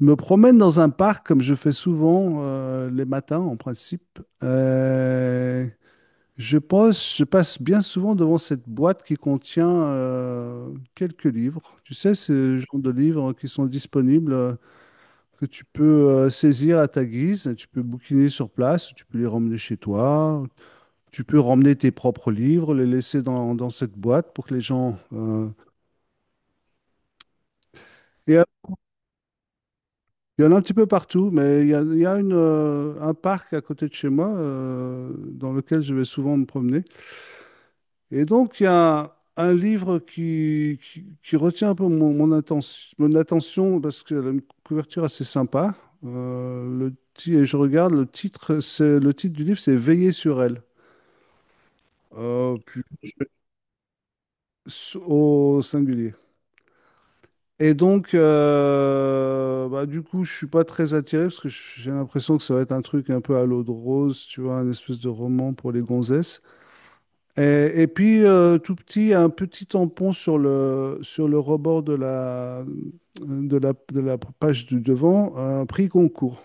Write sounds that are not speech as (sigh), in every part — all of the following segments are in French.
Je me promène dans un parc comme je fais souvent les matins en principe. Je passe bien souvent devant cette boîte qui contient quelques livres. Tu sais, ce genre de livres qui sont disponibles, que tu peux saisir à ta guise. Tu peux bouquiner sur place, tu peux les ramener chez toi, tu peux ramener tes propres livres, les laisser dans cette boîte pour que les gens... et Il y en a un petit peu partout, mais il y a une, un parc à côté de chez moi dans lequel je vais souvent me promener. Et donc, il y a un livre qui retient un peu attention, mon attention parce qu'elle a une couverture assez sympa. Et je regarde le titre, le titre du livre, c'est Veiller sur elle. Puis Au singulier. Et donc, bah, du coup, je suis pas très attiré parce que j'ai l'impression que ça va être un truc un peu à l'eau de rose, tu vois, un espèce de roman pour les gonzesses. Et puis, tout petit, un petit tampon sur sur le rebord de de la page du devant, un prix Goncourt.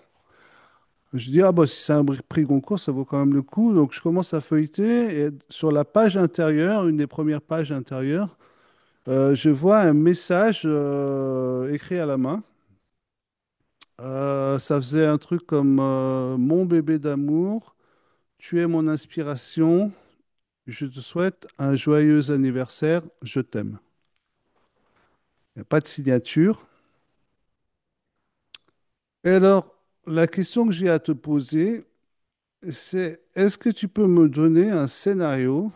Je dis, ah bah si c'est un prix Goncourt, ça vaut quand même le coup. Donc je commence à feuilleter et sur la page intérieure, une des premières pages intérieures, je vois un message écrit à la main. Ça faisait un truc comme Mon bébé d'amour, tu es mon inspiration, je te souhaite un joyeux anniversaire, je t'aime. Il n'y a pas de signature. Et alors, la question que j'ai à te poser, c'est est-ce que tu peux me donner un scénario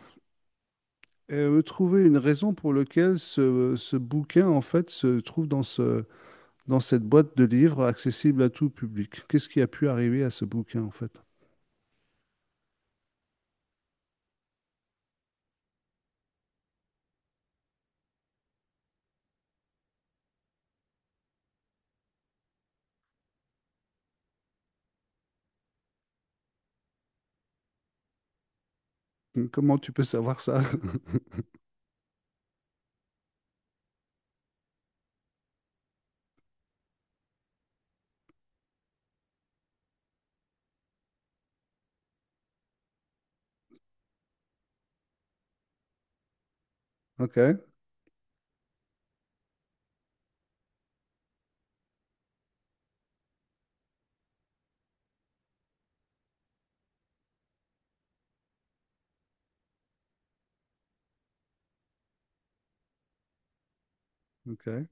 et me trouver une raison pour laquelle ce bouquin, en fait, se trouve dans dans cette boîte de livres accessible à tout public? Qu'est-ce qui a pu arriver à ce bouquin, en fait? Comment tu peux savoir ça? (laughs) Ok, ok.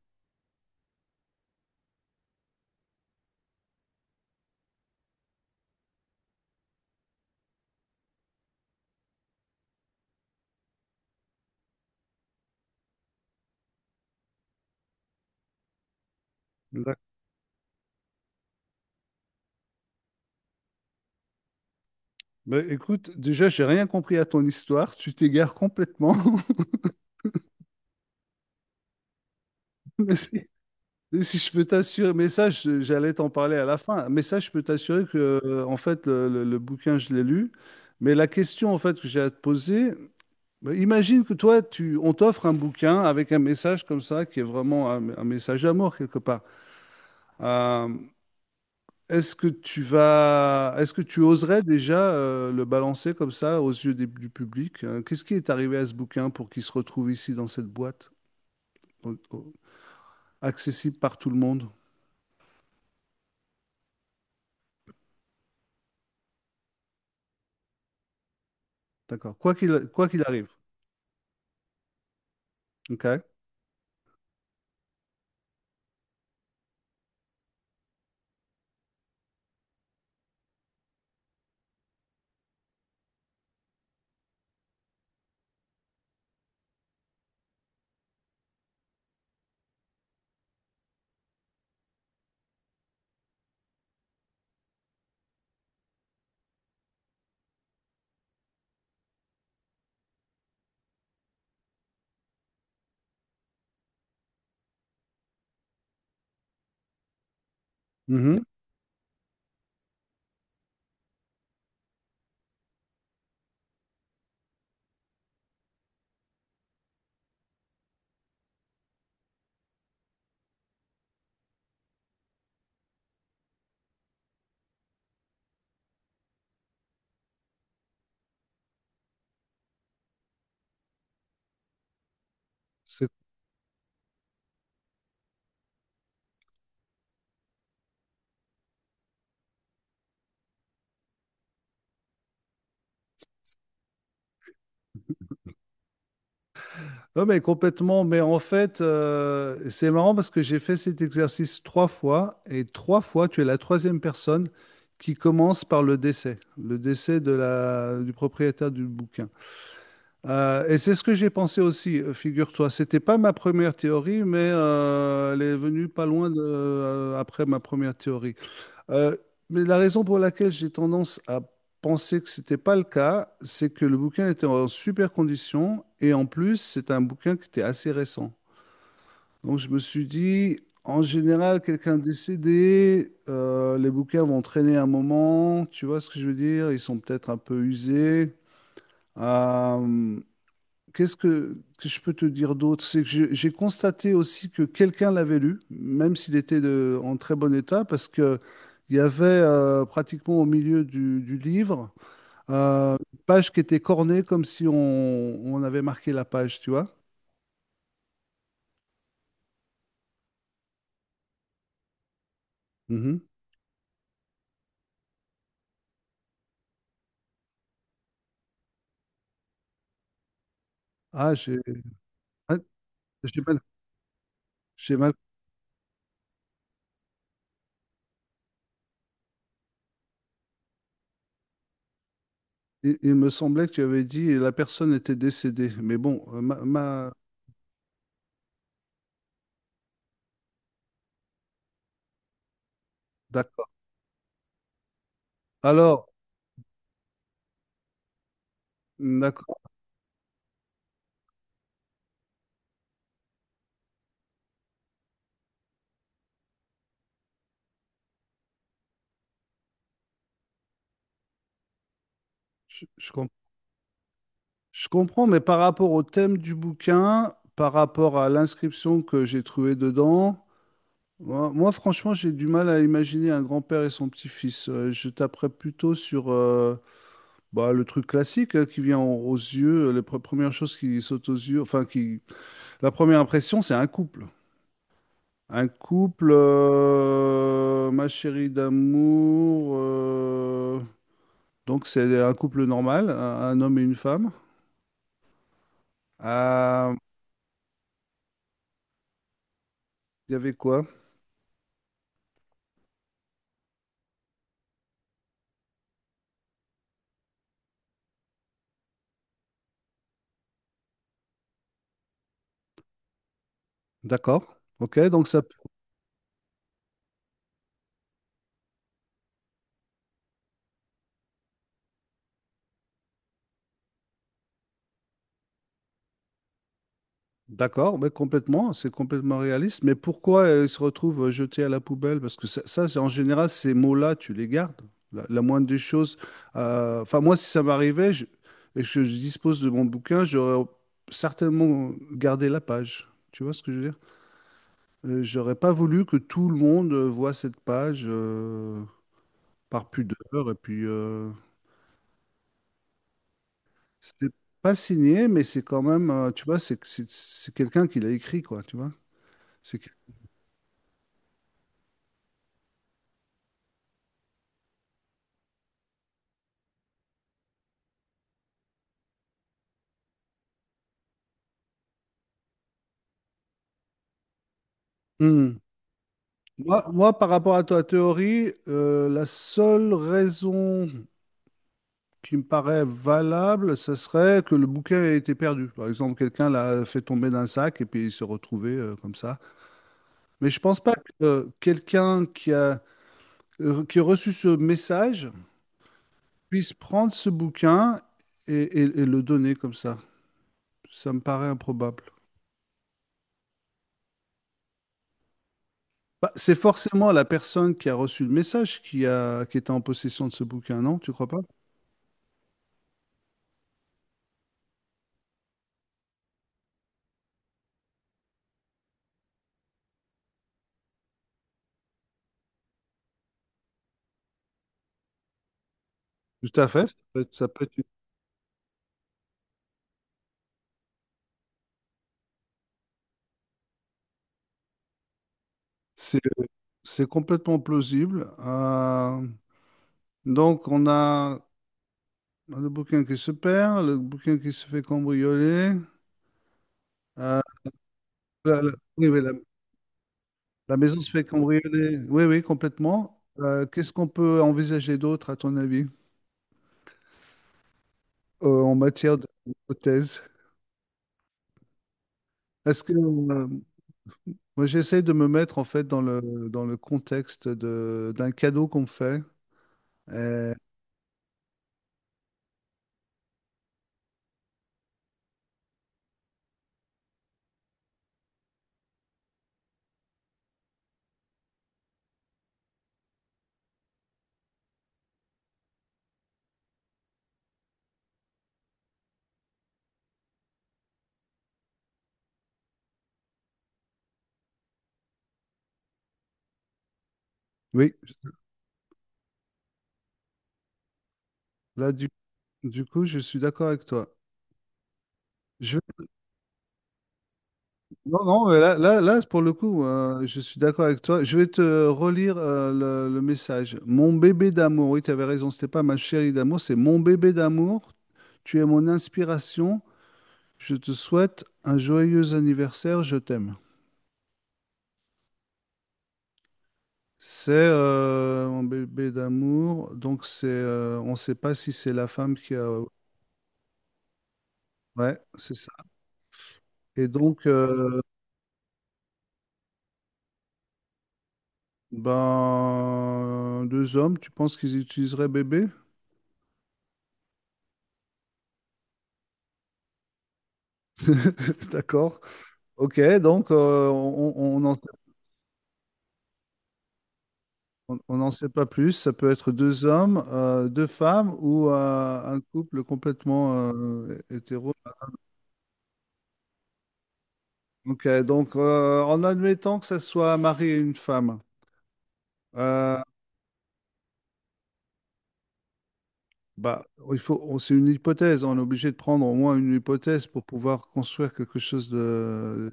D'ac- Ben, écoute, déjà, j'ai rien compris à ton histoire. Tu t'égares complètement. (laughs) Mais si, si je peux t'assurer, mais ça, j'allais t'en parler à la fin. Mais ça, je peux t'assurer que, en fait, le bouquin, je l'ai lu. Mais la question, en fait, que j'ai à te poser, ben, imagine que on t'offre un bouquin avec un message comme ça, qui est vraiment un message d'amour quelque part. Euh, Est-ce que tu vas, est-ce que tu oserais déjà le balancer comme ça aux yeux du public? Qu'est-ce qui est arrivé à ce bouquin pour qu'il se retrouve ici dans cette boîte, au- au- accessible par tout le monde? D'accord. Quoi qu'il arrive. OK. Mhm. C'est- Non, mais complètement. Mais en fait, c'est marrant parce que j'ai fait cet exercice trois fois et trois fois, tu es la troisième personne qui commence par le décès de du propriétaire du bouquin. Et c'est ce que j'ai pensé aussi, figure-toi. C'était pas ma première théorie, mais elle est venue pas loin de, après ma première théorie. Euh, mais la raison pour laquelle j'ai tendance à penser que c'était pas le cas, c'est que le bouquin était en super condition et en plus, c'est un bouquin qui était assez récent. Donc je me suis dit, en général, quelqu'un décédé, les bouquins vont traîner un moment. Tu vois ce que je veux dire? Ils sont peut-être un peu usés. Euh, Qu'est-ce que je peux te dire d'autre? C'est que j'ai constaté aussi que quelqu'un l'avait lu, même s'il était en très bon état, parce que il y avait pratiquement au milieu du livre une page qui était cornée comme si on avait marqué la page, tu vois? Mhm. Ah, j'ai mal- j'ai mal. j'ai mal- il me semblait que tu avais dit la personne était décédée, mais bon, d'accord. Alors, d'accord, je, je Je comprends, mais par rapport au thème du bouquin, par rapport à l'inscription que j'ai trouvée dedans, moi, franchement, j'ai du mal à imaginer un grand-père et son petit-fils. Je taperais plutôt sur bah, le truc classique hein, qui vient aux aux yeux, les premières choses qui sautent aux yeux, enfin, qui... la première impression, c'est un couple. Un couple, ma chérie d'amour, donc c'est un couple normal, un homme et une femme. Euh, Il y avait quoi? D'accord. Ok, donc ça, d'accord, mais complètement, c'est complètement réaliste. Mais pourquoi ils se retrouvent jetés à la poubelle? Parce que ça, c'est en général, ces mots-là, tu les gardes. La moindre des choses. Enfin, moi, si ça m'arrivait, et que je dispose de mon bouquin, j'aurais certainement gardé la page. Tu vois ce que je veux dire? J'aurais pas voulu que tout le monde voit cette page par pudeur. Et puis, c'est pas signé, mais c'est quand même, tu vois, c'est quelqu'un qui l'a écrit, quoi. Tu vois? C'est que- Hmm. Moi, par rapport à ta théorie, la seule raison qui me paraît valable, ce serait que le bouquin ait été perdu. Par exemple, quelqu'un l'a fait tomber d'un sac et puis il s'est retrouvé comme ça. Mais je pense pas que qui a reçu ce message puisse prendre ce bouquin et le donner comme ça. Ça me paraît improbable. Bah, c'est forcément la personne qui a reçu le message qui était en possession de ce bouquin, non? Tu crois pas? Tout à fait, ça peut être- c'est, c'est complètement plausible. Donc, on a le bouquin qui se perd, le bouquin qui se fait cambrioler. euh, la, la- oui, la maison se fait cambrioler. Oui, oui, complètement. Qu'est-ce qu'on peut envisager d'autre, à ton avis, en matière d'hypothèse? Est-ce que, euh, Moi, j'essaie de me mettre en fait dans le contexte de, d'un cadeau qu'on me fait. Euh, oui, là, du coup, je suis d'accord avec toi. Je vais- Non, non, mais pour le coup, je suis d'accord avec toi. Je vais te relire le message. Mon bébé d'amour, oui, tu avais raison, c'était pas ma chérie d'amour, c'est mon bébé d'amour. Tu es mon inspiration. Je te souhaite un joyeux anniversaire. Je t'aime. C'est mon bébé d'amour. Donc c'est, on ne sait pas si c'est la femme qui a ouais, c'est ça. Et donc, ben, deux hommes, tu penses qu'ils utiliseraient bébé? (laughs) D'accord. Ok, donc euh, on on n'en on n'en sait pas plus. Ça peut être deux hommes, deux femmes ou un couple complètement hétéro. Ok, donc en admettant que ça soit un mari et une femme, euh, bah, c'est une hypothèse. On est obligé de prendre au moins une hypothèse pour pouvoir construire quelque chose de.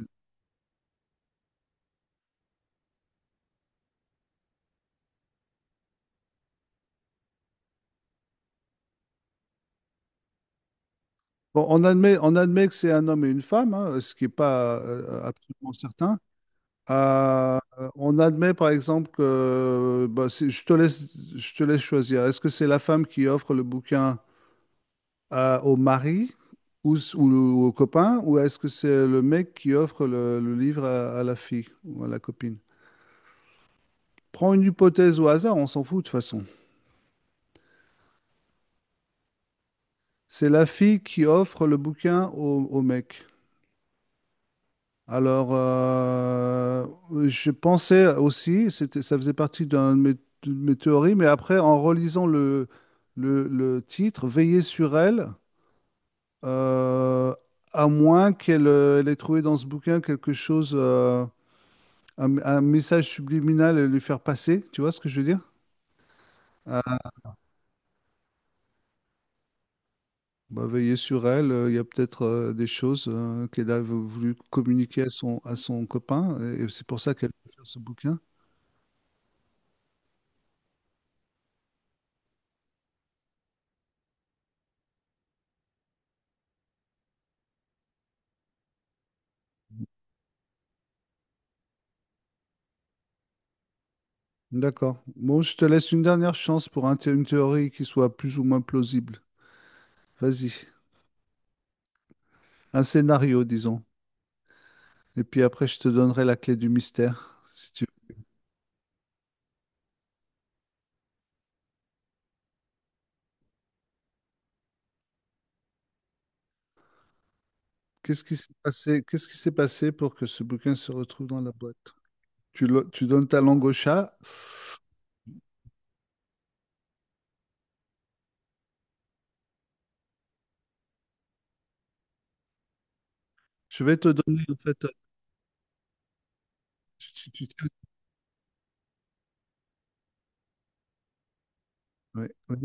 Bon, on admet que c'est un homme et une femme, hein, ce qui n'est pas absolument certain. Euh, on admet par exemple que bah, je te laisse choisir. Est-ce que c'est la femme qui offre le bouquin au mari ou, s- ou le- au copain, ou est-ce que c'est le mec qui offre le livre à la fille ou à la copine? Prends une hypothèse au hasard, on s'en fout de toute façon. C'est la fille qui offre le bouquin au mec. Alors, je pensais aussi, ça faisait partie d'un de de mes théories, mais après, en relisant le titre, Veiller sur elle, euh, à moins qu'elle elle ait trouvé dans ce bouquin quelque chose, un message subliminal à lui faire passer, tu vois ce que je veux dire? Ah, bah, veiller sur elle, il y a peut-être des choses qu'elle a voulu communiquer à à son copain, et c'est pour ça qu'elle a fait ce bouquin. D'accord. Bon, je te laisse une dernière chance pour un une théorie qui soit plus ou moins plausible. Vas-y. Un scénario, disons. Et puis après, je te donnerai la clé du mystère, si tu veux. Qu'est-ce qui s'est passé, qu'est-ce qui s'est passé pour que ce bouquin se retrouve dans la boîte? Tu donnes ta langue au chat. Je vais te donner, en fait, tu- tu- tu- tu- ouais, ouais.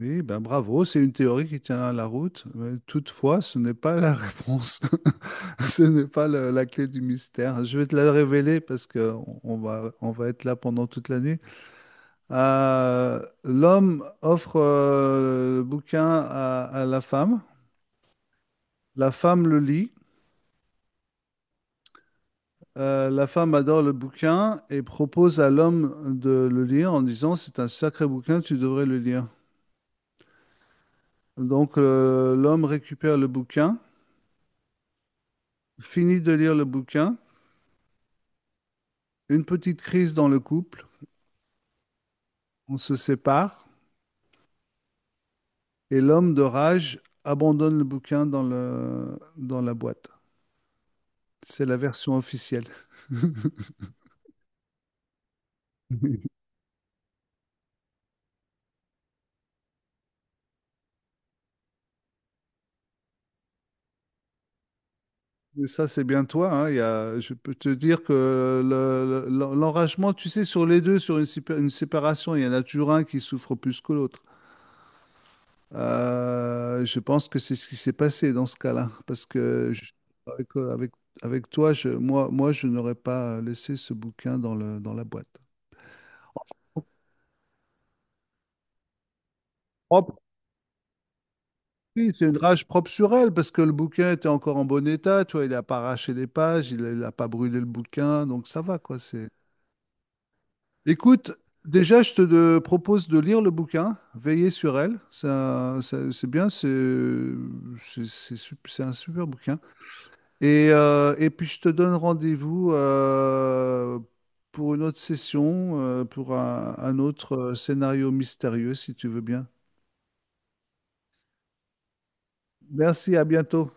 Oui, ben bravo, c'est une théorie qui tient la route. Mais toutefois, ce n'est pas la réponse. (laughs) Ce n'est pas la clé du mystère. Je vais te la révéler parce que on va être là pendant toute la nuit. L'homme offre le bouquin à la femme. La femme le lit. La femme adore le bouquin et propose à l'homme de le lire en disant, c'est un sacré bouquin, tu devrais le lire. Donc l'homme récupère le bouquin, finit de lire le bouquin. Une petite crise dans le couple, on se sépare et l'homme de rage abandonne le bouquin dans la boîte. C'est la version officielle. (laughs) Mais ça, c'est bien toi. Hein, je peux te dire que l'enragement, tu sais, sur les deux, une séparation, il y en a toujours un qui souffre plus que l'autre. Je pense que c'est ce qui s'est passé dans ce cas-là. Parce que je- avec, avec, Avec toi, moi, je n'aurais pas laissé ce bouquin dans dans la boîte. Oh, oui, c'est une rage propre sur elle parce que le bouquin était encore en bon état, tu vois, il n'a pas arraché les pages, il n'a pas brûlé le bouquin, donc ça va quoi. C'est. Écoute, déjà je te propose de lire le bouquin, veiller sur elle, ça, c'est bien, c'est un super bouquin. Et puis je te donne rendez-vous pour une autre session, pour un autre scénario mystérieux si tu veux bien. Merci, à bientôt.